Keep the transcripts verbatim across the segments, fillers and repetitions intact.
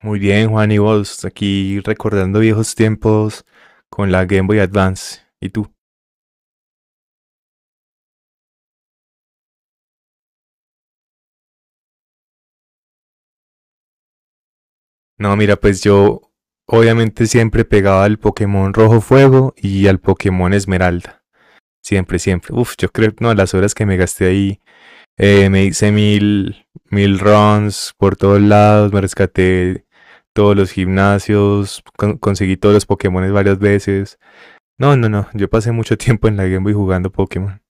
Muy bien, Juan, y vos, aquí recordando viejos tiempos con la Game Boy Advance. ¿Y tú? No, mira, pues yo obviamente siempre pegaba al Pokémon Rojo Fuego y al Pokémon Esmeralda. Siempre, siempre. Uf, yo creo, no, las horas que me gasté ahí, eh, me hice mil, mil runs por todos lados, me rescaté todos los gimnasios, con- conseguí todos los Pokémones varias veces. No, no, no, yo pasé mucho tiempo en la Game Boy jugando Pokémon.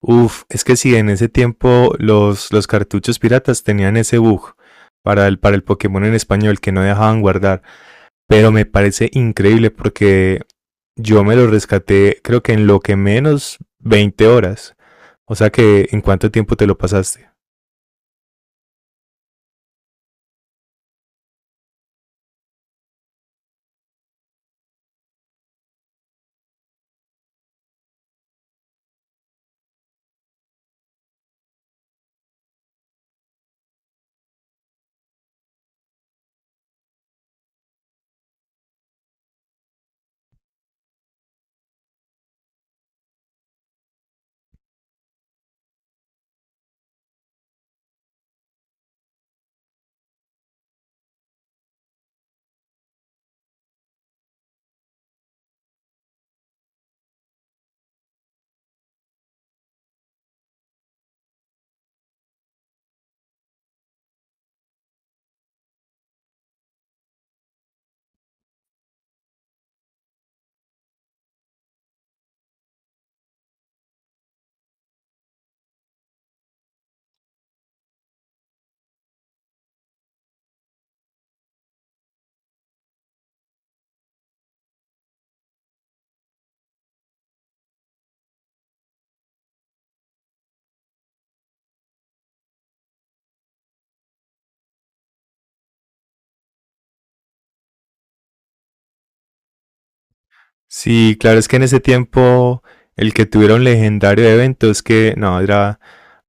Uf, es que sí, en ese tiempo los, los cartuchos piratas tenían ese bug para el, para el Pokémon en español que no dejaban guardar. Pero me parece increíble porque yo me lo rescaté creo que en lo que menos veinte horas. O sea que, ¿en cuánto tiempo te lo pasaste? Sí, claro, es que en ese tiempo el que tuviera un legendario de evento es que, no, era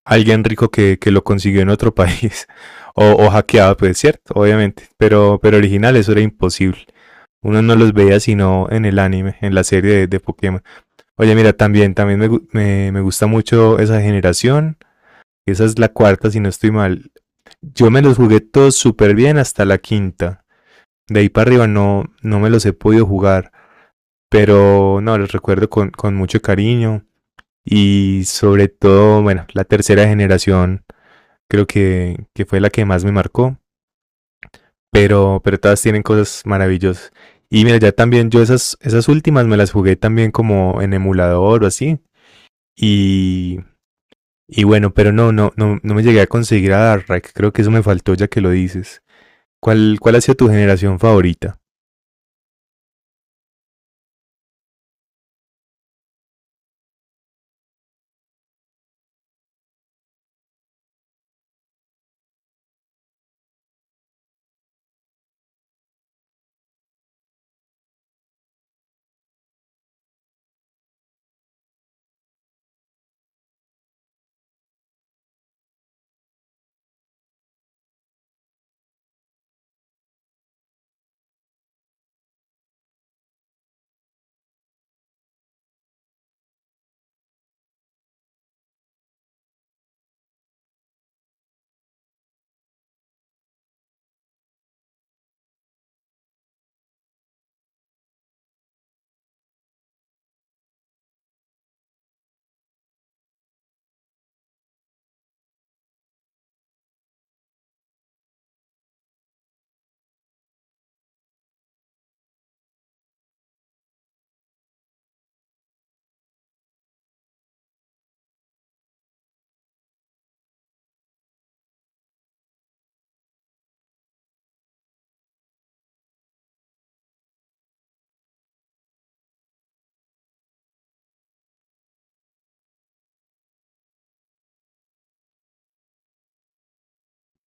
alguien rico que, que lo consiguió en otro país. O, o hackeado, pues cierto, obviamente. Pero, pero original, eso era imposible. Uno no los veía sino en el anime, en la serie de, de Pokémon. Oye, mira, también, también me, gu- me- me gusta mucho esa generación. Esa es la cuarta, si no estoy mal. Yo me los jugué todos súper bien hasta la quinta. De ahí para arriba no, no me los he podido jugar. Pero no, los recuerdo con, con mucho cariño. Y sobre todo, bueno, la tercera generación creo que, que fue la que más me marcó. pero, pero todas tienen cosas maravillosas. Y mira, ya también yo esas, esas últimas me las jugué también como en emulador o así. Y, y bueno, pero no, no, no, no me llegué a conseguir a Darkrai. Creo que eso me faltó ya que lo dices. ¿Cuál, cuál ha sido tu generación favorita?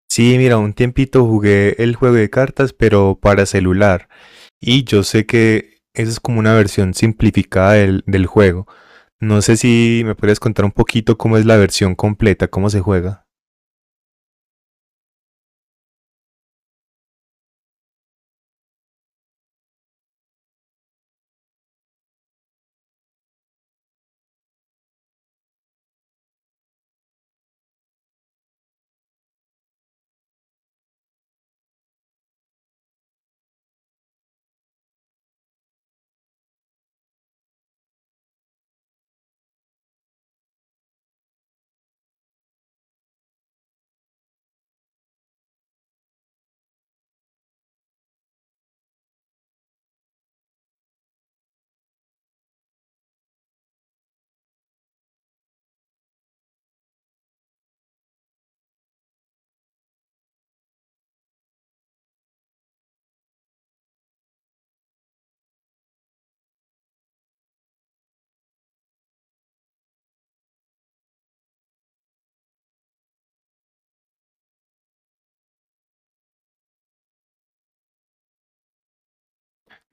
Sí, mira, un tiempito jugué el juego de cartas, pero para celular. Y yo sé que esa es como una versión simplificada del, del juego. No sé si me puedes contar un poquito cómo es la versión completa, cómo se juega.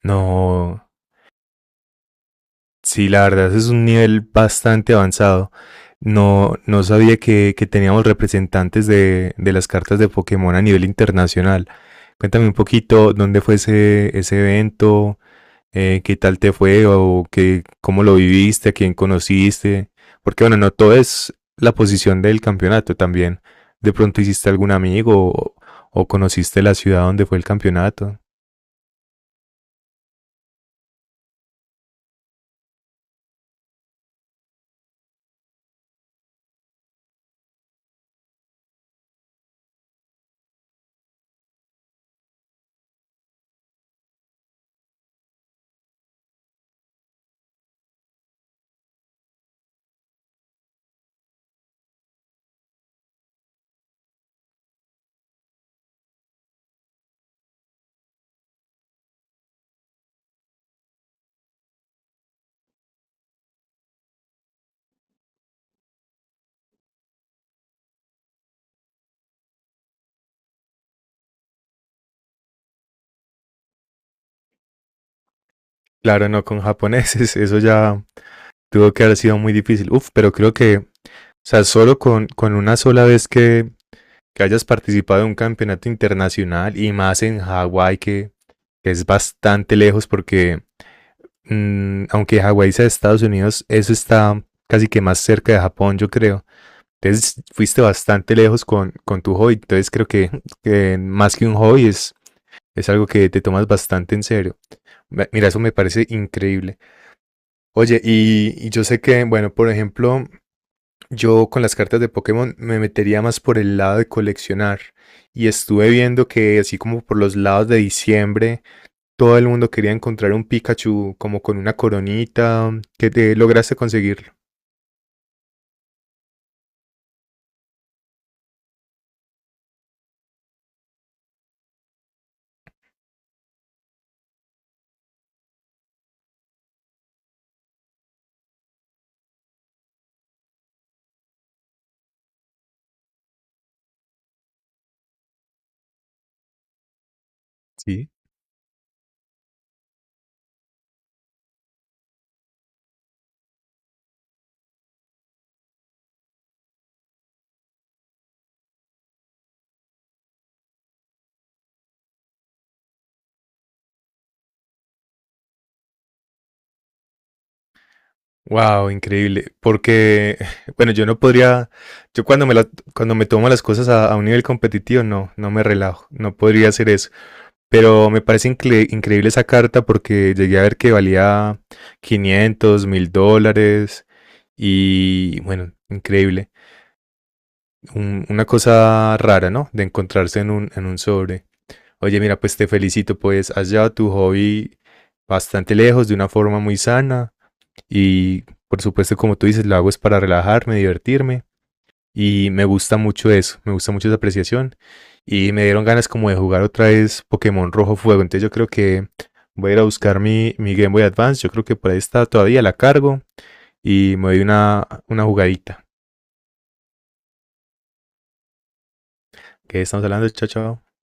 No, Sí, la verdad es un nivel bastante avanzado. No, no sabía que, que teníamos representantes de, de las cartas de Pokémon a nivel internacional. Cuéntame un poquito dónde fue ese, ese evento, eh, qué tal te fue o qué, cómo lo viviste, a quién conociste. Porque bueno, no todo es la posición del campeonato también. De pronto hiciste algún amigo o, o conociste la ciudad donde fue el campeonato. Claro, no con japoneses, eso ya tuvo que haber sido muy difícil. Uf, pero creo que O sea, solo con, con una sola vez que, que hayas participado en un campeonato internacional y más en Hawái, que, que es bastante lejos porque mm, aunque Hawái sea de Estados Unidos, eso está casi que más cerca de Japón, yo creo. Entonces fuiste bastante lejos con, con tu hobby. Entonces creo que, que más que un hobby es, es algo que te tomas bastante en serio. Mira, eso me parece increíble. Oye, y, y yo sé que, bueno, por ejemplo, yo con las cartas de Pokémon me metería más por el lado de coleccionar y estuve viendo que así como por los lados de diciembre todo el mundo quería encontrar un Pikachu como con una coronita que te lograste conseguirlo. Sí. Wow, increíble, porque bueno, yo no podría, yo cuando me la- cuando me tomo las cosas a, a un nivel competitivo no, no me relajo, no podría hacer eso. Pero me parece incre- increíble esa carta porque llegué a ver que valía quinientos mil dólares y bueno, increíble. Un- una cosa rara, ¿no? De encontrarse en un, en un sobre. Oye, mira, pues te felicito, pues has llevado tu hobby bastante lejos de una forma muy sana y por supuesto, como tú dices, lo hago es para relajarme, divertirme. Y me gusta mucho eso, me gusta mucho esa apreciación. Y me dieron ganas como de jugar otra vez Pokémon Rojo Fuego. Entonces yo creo que voy a ir a buscar mi, mi Game Boy Advance. Yo creo que por ahí está todavía, la cargo y me doy una, una jugadita. ¿Qué estamos hablando, chao, chao?